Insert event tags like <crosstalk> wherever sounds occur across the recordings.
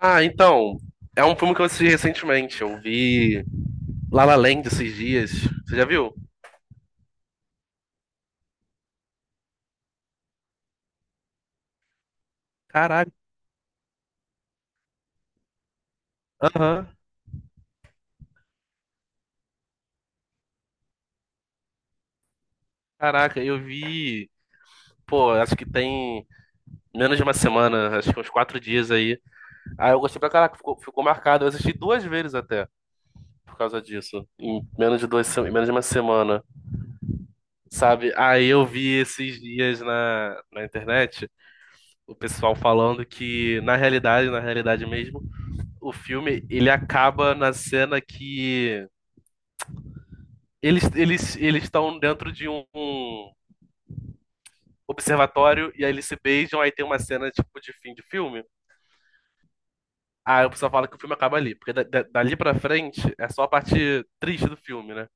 Ah, é um filme que eu assisti recentemente. Eu vi La La Land esses dias. Você já viu? Aham. Caraca, eu vi. Pô, acho que tem menos de uma semana, acho que uns quatro dias aí. Ah, eu gostei pra caraca, ficou marcado. Eu assisti duas vezes até, por causa disso. Em menos de duas, se- Em menos de uma semana, sabe? Aí eu vi esses dias na internet o pessoal falando que, na realidade mesmo, o filme ele acaba na cena que eles estão dentro de um observatório e aí eles se beijam, aí tem uma cena tipo de fim de filme. Aí o pessoal fala que o filme acaba ali, porque dali pra frente é só a parte triste do filme, né?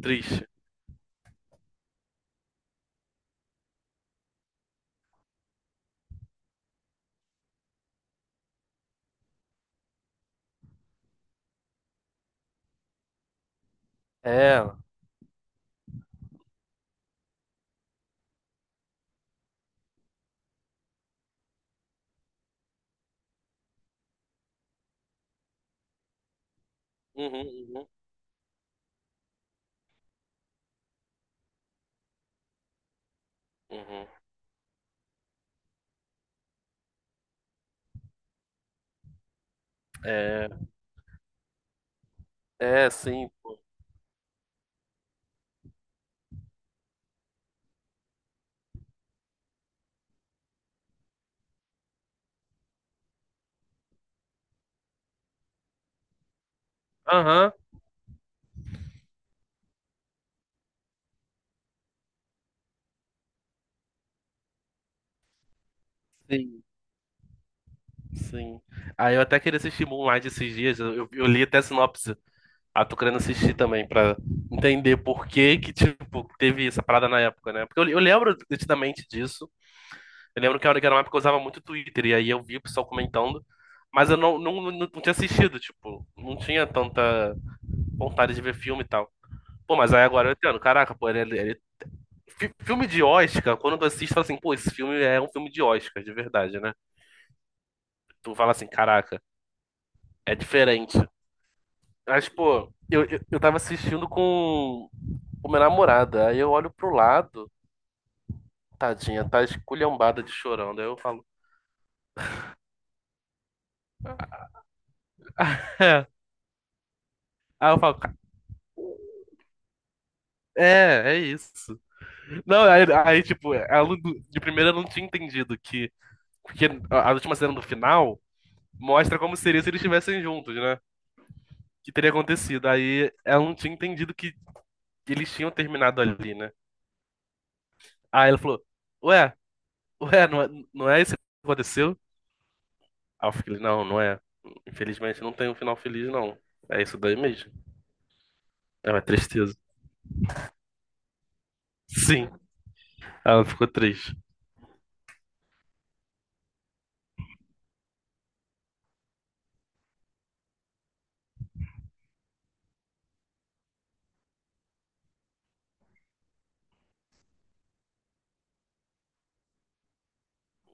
Triste. É. Uhum, uhum. É, é, sim, pô. Aham, sim, sim. Aí eu até queria assistir Moonlight esses dias, eu li até a sinopse. Ah, tô querendo assistir também, pra entender por que que, tipo, teve essa parada na época, né? Porque eu lembro nitidamente disso. Eu lembro que a hora que era uma época eu usava muito Twitter, e aí eu vi o pessoal comentando, mas eu não tinha assistido, tipo, não tinha tanta vontade de ver filme e tal. Pô, mas aí agora eu entendo, caraca, pô, é filme de Oscar, quando tu assiste, tu fala assim, pô, esse filme é um filme de Oscar, de verdade, né? Tu fala assim, caraca, é diferente. Mas, pô, eu tava assistindo com minha namorada, aí eu olho pro lado, tadinha, tá esculhambada de chorando, aí eu falo, <laughs> é. Aí eu falo, "Ca- é, é isso. Não, aí, aí, tipo, ela, não- de primeira eu não tinha entendido que. Porque a última cena do final mostra como seria se eles estivessem juntos, né? Que teria acontecido. Aí ela não tinha entendido que eles tinham terminado ali, né? Aí ela falou: Ué, ué, não é, não é isso que aconteceu? Aí eu falei: Não, não é. Infelizmente não tem um final feliz, não. É isso daí mesmo. É uma tristeza. Sim, ela ficou triste.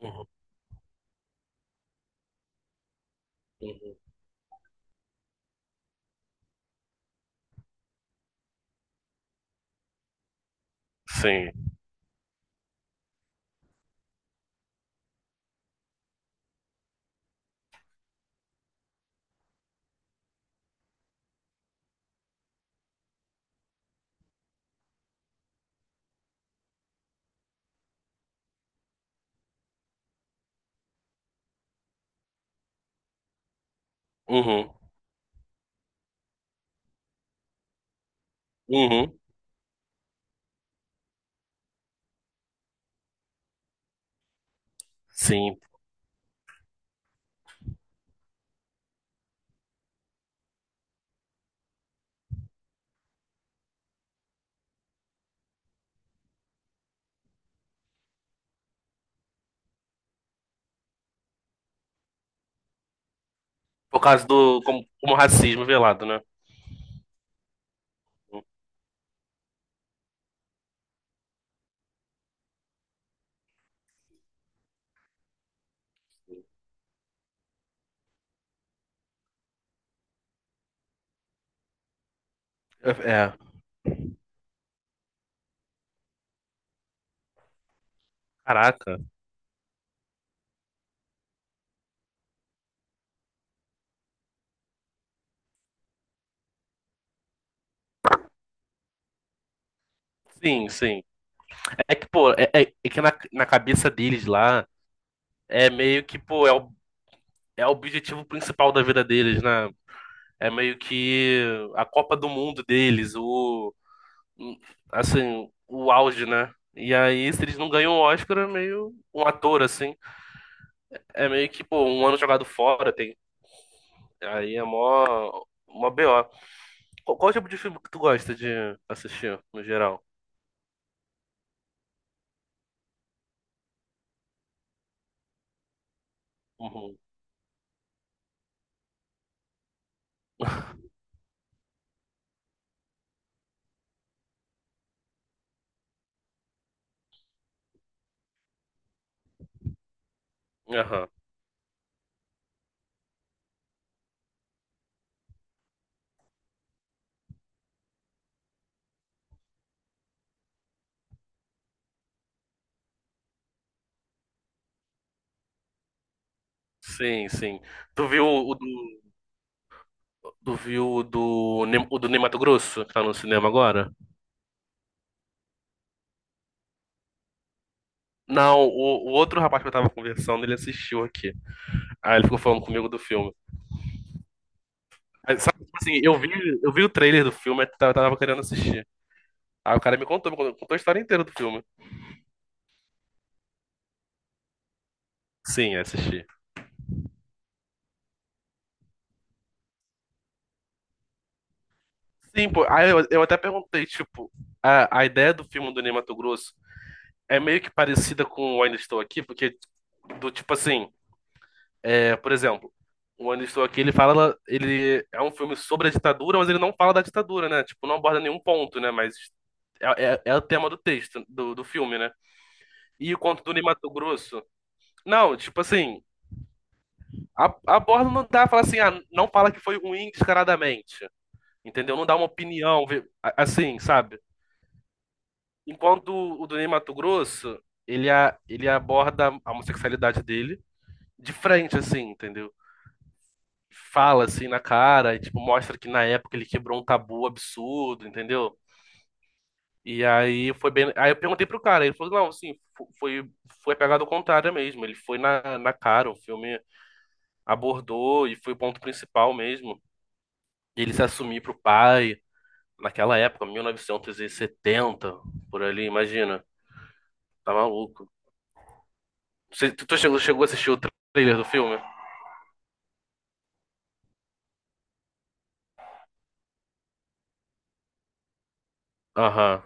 Uhum, uhum. Sim. Uhum, uhum. Sim. Por causa do. Como racismo velado, né? É, caraca. Sim, sim. É que, pô, é que na cabeça deles lá, é meio que, pô, é o objetivo principal da vida deles, né? É meio que a Copa do Mundo deles, o, assim, o auge, né? E aí, se eles não ganham o Oscar, é meio um ator, assim. É meio que, pô, um ano jogado fora, tem. Aí é mó BO. Qual tipo de filme que tu gosta de assistir, no geral? Uhum. <laughs> Aham. Sim, sim. Tu viu o do, tu viu o do, o do Ney Matogrosso, que tá no cinema agora? Não, o outro rapaz que eu tava conversando, ele assistiu aqui. Aí ele ficou falando comigo do filme. Aí, sabe, tipo assim, eu vi o trailer do filme, eu tava querendo assistir. Aí o cara me contou, contou a história inteira do filme. Sim, assisti. Sim, pô, aí eu até perguntei, tipo, a ideia do filme do Ney Matogrosso é meio que parecida com o Ainda Estou Aqui, porque do tipo assim, é, por exemplo, o Onde Estou Aqui, ele fala, ele é um filme sobre a ditadura, mas ele não fala da ditadura, né? Tipo, não aborda nenhum ponto, né? Mas é, é o tema do texto, do filme, né? E o Conto do Ney Matogrosso? Não, tipo assim, a, aborda não dá, fala assim, ah, não fala que foi ruim descaradamente, entendeu? Não dá uma opinião, vê- a- assim, sabe? Enquanto o do Ney Matogrosso, ele aborda a homossexualidade dele de frente, assim, entendeu? Fala assim na cara e tipo mostra que na época ele quebrou um tabu absurdo, entendeu? E aí foi bem, aí eu perguntei pro cara, ele falou: "Não, assim, foi foi pegado ao contrário mesmo, ele foi na cara, o filme abordou e foi o ponto principal mesmo. Ele se assumir pro pai naquela época, 1970, por ali, imagina. Tá maluco. Tu chegou a assistir o trailer do filme? Aham.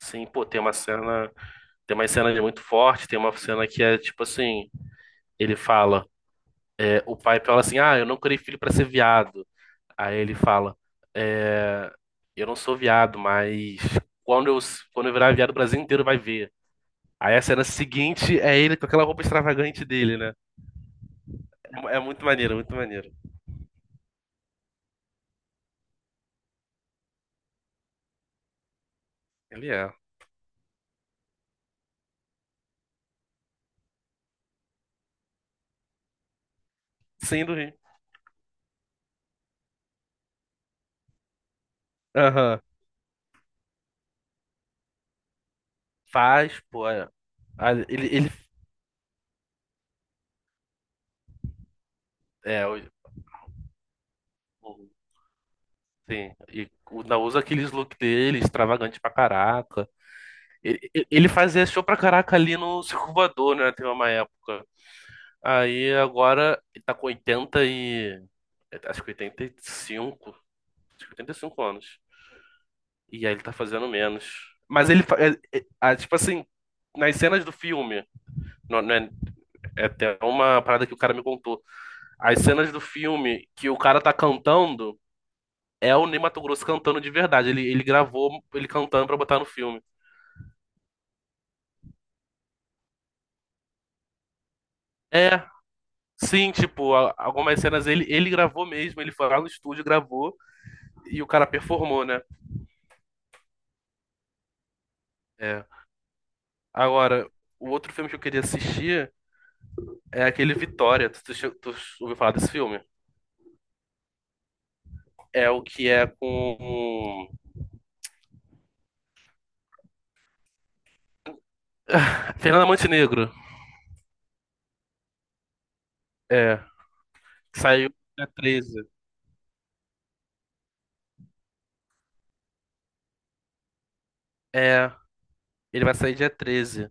Sim, pô, tem uma cena muito forte, tem uma cena que é tipo assim, ele fala. O pai fala assim: Ah, eu não criei filho pra ser viado. Aí ele fala: É, eu não sou viado, mas quando eu, quando eu virar viado, o Brasil inteiro vai ver. Aí a cena seguinte é ele com aquela roupa extravagante dele, né? É muito maneiro, muito maneiro. Ele é. Sim, do Rio. Aham. Faz, pô. É. Ah, ele. É, o- o- sim. E o- ainda usa aqueles look dele, extravagante pra caraca. Ele fazia show pra caraca ali no Circo Voador, né? Teve uma época. Aí agora ele tá com 80 e. Acho que 85, acho que 85 anos. E aí ele tá fazendo menos. Mas ele. Fa- é- é- ah, tipo assim, nas cenas do filme. Não, não é, é até uma parada que o cara me contou. As cenas do filme que o cara tá cantando é o Ney Matogrosso cantando de verdade. Ele gravou ele cantando pra botar no filme. É. Sim, tipo, a- algumas cenas ele gravou mesmo, ele foi lá no estúdio, gravou e o cara performou, né? É. Agora, o outro filme que eu queria assistir é aquele Vitória. Tu ouviu falar desse filme? É o que é com Fernanda Montenegro. É. Que saiu dia 13. É. Ele vai sair dia 13.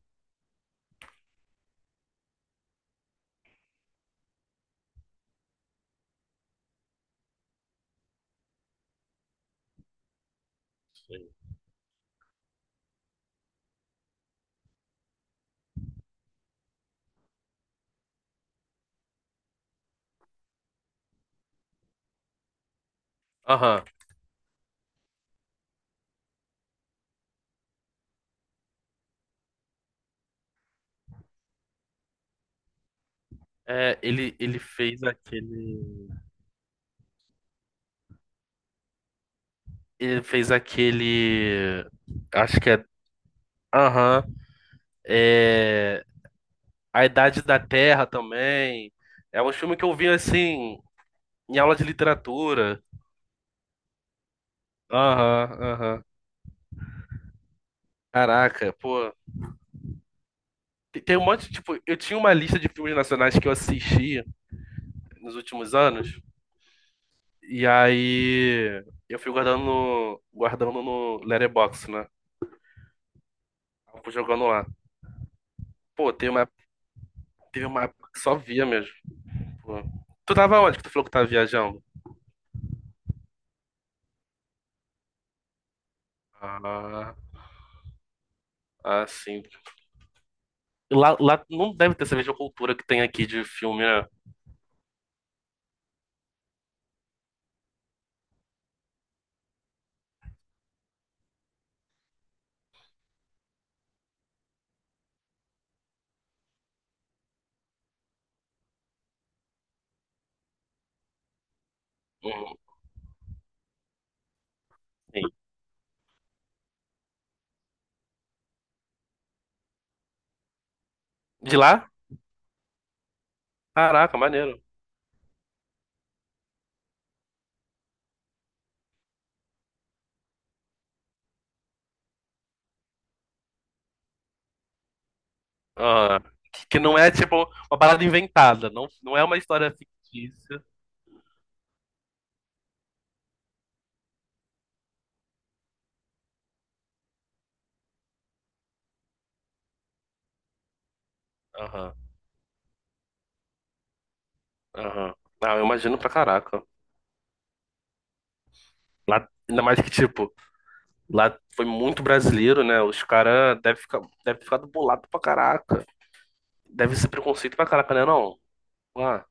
Aham. É, ele fez aquele. Ele fez aquele. Acho que é. Aham. É. A Idade da Terra também. É um filme que eu vi assim, em aula de literatura. Aham, aham. Caraca, pô. Tem, tem um monte, tipo, eu tinha uma lista de filmes nacionais que eu assisti nos últimos anos, e aí eu fui guardando no Letterboxd, né? Eu fui jogando lá. Pô, teve uma época que só via mesmo. Pô. Tu tava onde que tu falou que tava viajando? Ah, ah, sim. Lá não deve ter essa mesma cultura que tem aqui de filme, né? Hum, sim. De lá? Caraca, maneiro. Ah, que não é tipo uma parada inventada, não, não é uma história fictícia. Aham. Ah, eu imagino pra caraca. Lá, ainda mais que, tipo, lá foi muito brasileiro, né? Os caras devem ficar, deve ficar bolado pra caraca. Deve ser preconceito pra caraca, né? Não. Lá.